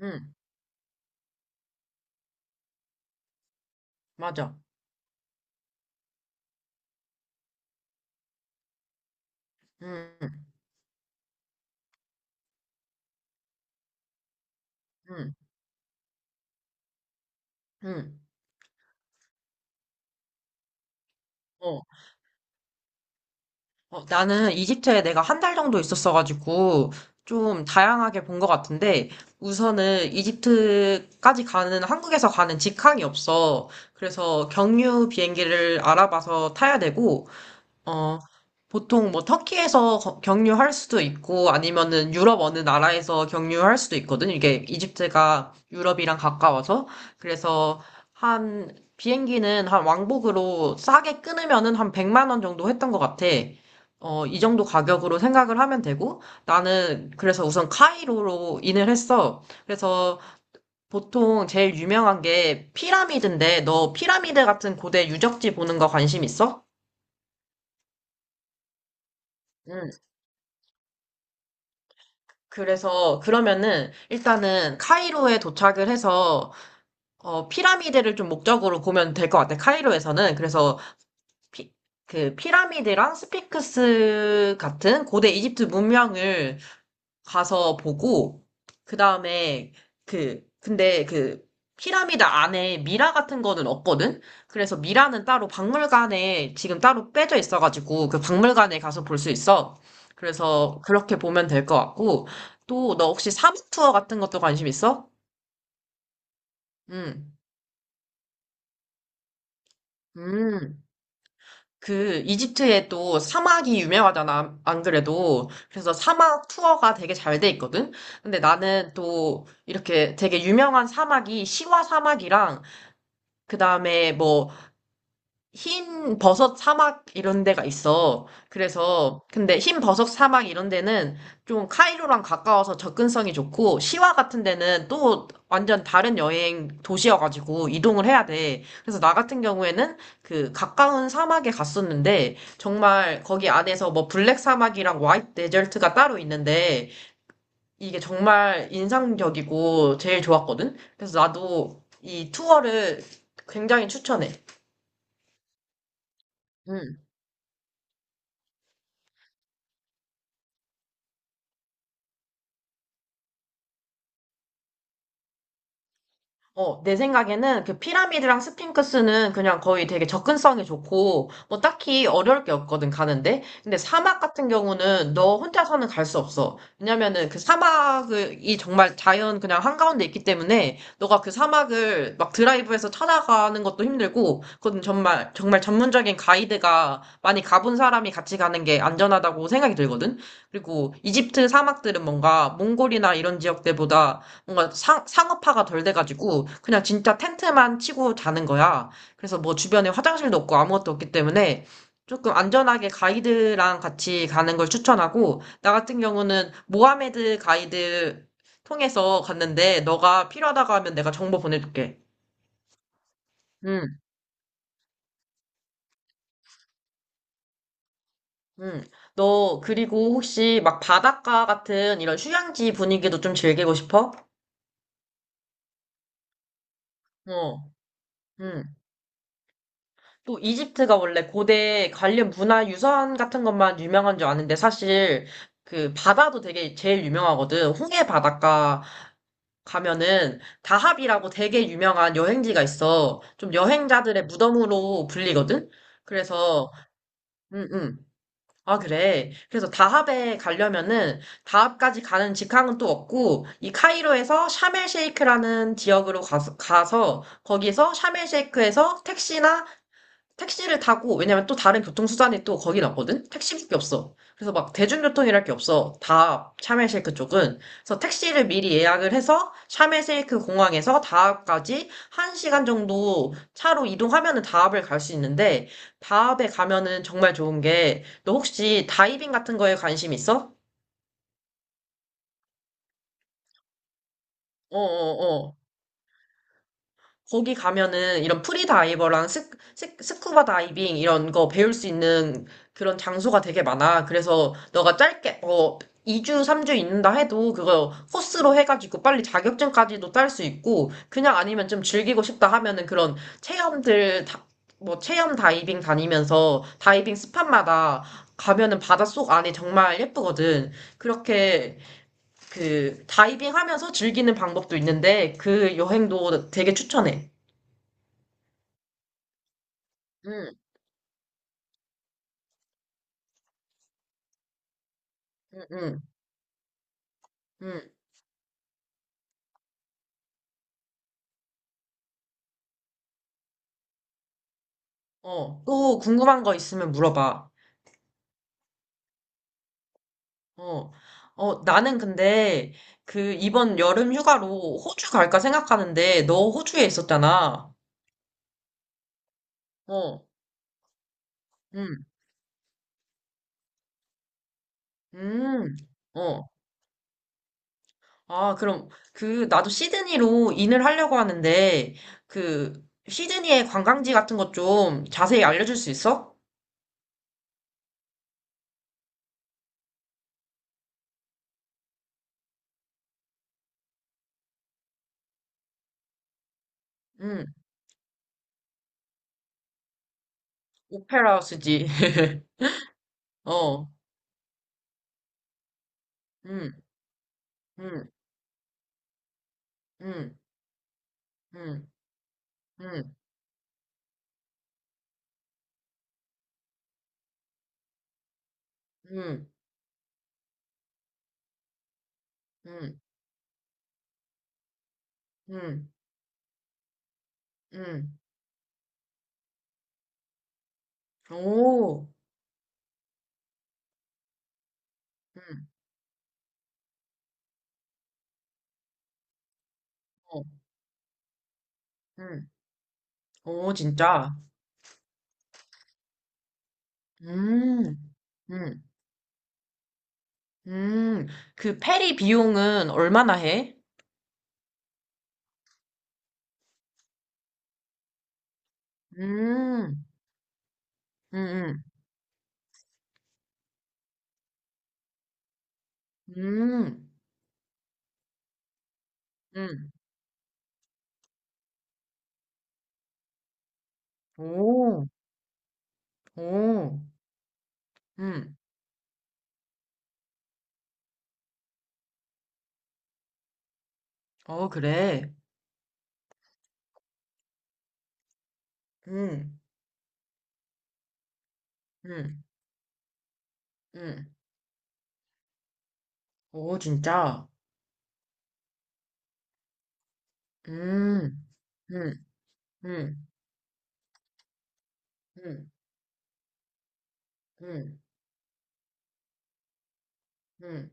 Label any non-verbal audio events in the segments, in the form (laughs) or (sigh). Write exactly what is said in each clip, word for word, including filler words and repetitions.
응, 맞아. 응, 응, 응. 어, 어, 나는 이집트에 내가 한 달 정도 있었어가지고 좀 다양하게 본 것 같은데 우선은 이집트까지 가는 한국에서 가는 직항이 없어. 그래서 경유 비행기를 알아봐서 타야 되고 어, 보통 뭐 터키에서 거- 경유할 수도 있고 아니면은 유럽 어느 나라에서 경유할 수도 있거든. 이게 이집트가 유럽이랑 가까워서. 그래서 한 비행기는 한 왕복으로 싸게 끊으면은 한 백만 원 정도 했던 것 같아. 어, 이 정도 가격으로 생각을 하면 되고 나는 그래서 우선 카이로로 인을 했어. 그래서 보통 제일 유명한 게 피라미드인데 너 피라미드 같은 고대 유적지 보는 거 관심 있어? 그래서 그러면은 일단은 카이로에 도착을 해서 어, 피라미드를 좀 목적으로 보면 될 것 같아. 카이로에서는 그래서 피, 그 피라미드랑 스핑크스 같은 고대 이집트 문명을 가서 보고 그다음에 그 근데 그 피라미드 안에 미라 같은 거는 없거든. 그래서 미라는 따로 박물관에 지금 따로 빼져 있어가지고 그 박물관에 가서 볼 수 있어. 그래서 그렇게 보면 될 것 같고 또 너 혹시 사막 투어 같은 것도 관심 있어? 응. 음. 그 이집트에 또 사막이 유명하잖아, 안 그래도. 그래서 사막 투어가 되게 잘 돼 있거든. 근데 나는 또 이렇게 되게 유명한 사막이 시와 사막이랑 그다음에 뭐 흰 버섯 사막 이런 데가 있어. 그래서, 근데 흰 버섯 사막 이런 데는 좀 카이로랑 가까워서 접근성이 좋고, 시와 같은 데는 또 완전 다른 여행 도시여가지고 이동을 해야 돼. 그래서 나 같은 경우에는 그 가까운 사막에 갔었는데, 정말 거기 안에서 뭐 블랙 사막이랑 화이트 데절트가 따로 있는데, 이게 정말 인상적이고 제일 좋았거든? 그래서 나도 이 투어를 굉장히 추천해. 어, 내 생각에는 그 피라미드랑 스핑크스는 그냥 거의 되게 접근성이 좋고, 뭐 딱히 어려울 게 없거든, 가는데. 근데 사막 같은 경우는 너 혼자서는 갈 수 없어. 왜냐면은 그 사막이 정말 자연 그냥 한가운데 있기 때문에, 너가 그 사막을 막 드라이브해서 찾아가는 것도 힘들고, 그건 정말, 정말 전문적인 가이드가 많이 가본 사람이 같이 가는 게 안전하다고 생각이 들거든? 그리고 이집트 사막들은 뭔가 몽골이나 이런 지역들보다 뭔가 상, 상업화가 덜 돼가지고 그냥 진짜 텐트만 치고 자는 거야. 그래서 뭐 주변에 화장실도 없고 아무것도 없기 때문에 조금 안전하게 가이드랑 같이 가는 걸 추천하고 나 같은 경우는 모하메드 가이드 통해서 갔는데 너가 필요하다고 하면 내가 정보 보내줄게. 응, 응. 너 그리고 혹시 막 바닷가 같은 이런 휴양지 분위기도 좀 즐기고 싶어? 어, 응. 또 이집트가 원래 고대 관련 문화유산 같은 것만 유명한 줄 아는데 사실 그 바다도 되게 제일 유명하거든. 홍해 바닷가 가면은 다합이라고 되게 유명한 여행지가 있어. 좀 여행자들의 무덤으로 불리거든. 그래서 음, 음. 아, 그래. 그래서 다합에 가려면은 다합까지 가는 직항은 또 없고 이 카이로에서 샤멜 쉐이크라는 지역으로 가서, 가서 거기서 샤멜 쉐이크에서 택시나 택시를 타고, 왜냐면 또 다른 교통수단이 또 거긴 없거든? 택시밖에 없어. 그래서 막 대중교통이랄 게 없어. 다 샤멜쉐이크 쪽은. 그래서 택시를 미리 예약을 해서 샤멜쉐이크 공항에서 다합까지 한 시간 정도 차로 이동하면은 다합을 갈 수 있는데, 다합에 가면은 정말 좋은 게, 너 혹시 다이빙 같은 거에 관심 있어? 어어어. 거기 가면은 이런 프리다이버랑 스, 스, 스쿠버 다이빙 이런 거 배울 수 있는 그런 장소가 되게 많아. 그래서 너가 짧게 뭐 이 주, 삼 주 있는다 해도 그거 코스로 해가지고 빨리 자격증까지도 딸 수 있고 그냥 아니면 좀 즐기고 싶다 하면은 그런 체험들 다, 뭐 체험 다이빙 다니면서 다이빙 스팟마다 가면은 바닷속 안이 정말 예쁘거든. 그렇게 그 다이빙 하면서 즐기는 방법도 있는데 그 여행도 되게 추천해. 응, 응, 응, 응. 어, 또 궁금한 거 있으면 물어봐. 어, 어, 나는 근데 그 이번 여름 휴가로 호주 갈까 생각하는데 너 호주에 있었잖아. 어, 응, 음, 어. 아, 그럼 그 나도 시드니로 인을 하려고 하는데 그 시드니의 관광지 같은 것 좀 자세히 알려줄 수 있어? 응, 오페라 하우스지. (laughs) 어, 응, 응, 응, 응, 응, 응, 응. 음, 음, 오, 음, 어, 음, 오, 진짜. 음, 음, 음. 그 페리 비용은 얼마나 해? 음, 음, 음, 음, 음, 오, 오, 음, 어, 그래. 음, 음, 음, 오, 진짜. 음, 음, 음, 음, 음, 음,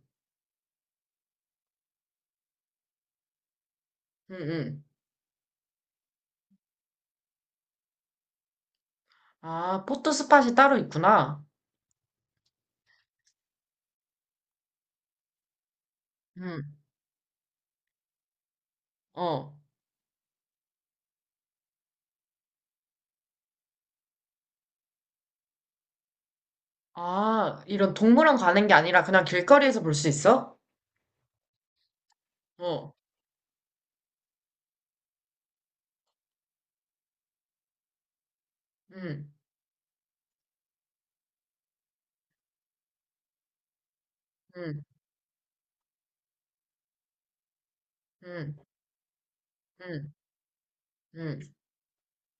음, 음. 아, 포토 스팟이 따로 있구나. 음, 어. 아, 이런 동물원 가는 게 아니라 그냥 길거리에서 볼 수 있어? 어, 응, 응, 응, 응, 응,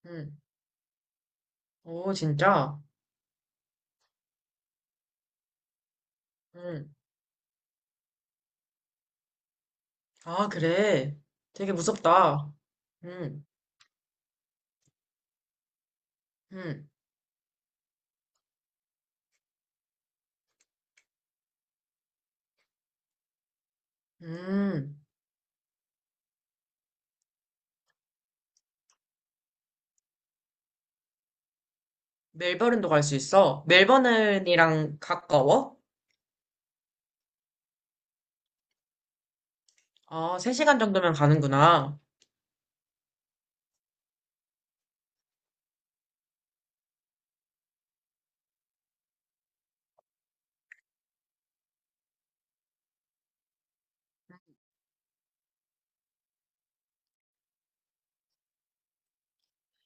응. 오, 진짜? 응. 아, 그래. 되게 무섭다. 응, 응, 응. 멜버른도 갈 수 있어? 멜버른이랑 가까워? 아, 세 시간 정도면 가는구나.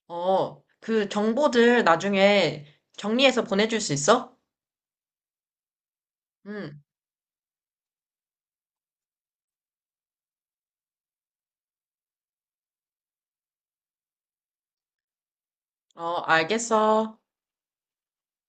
어, 그 정보들 나중에 정리해서 보내줄 수 있어? 응, 어, 알겠어.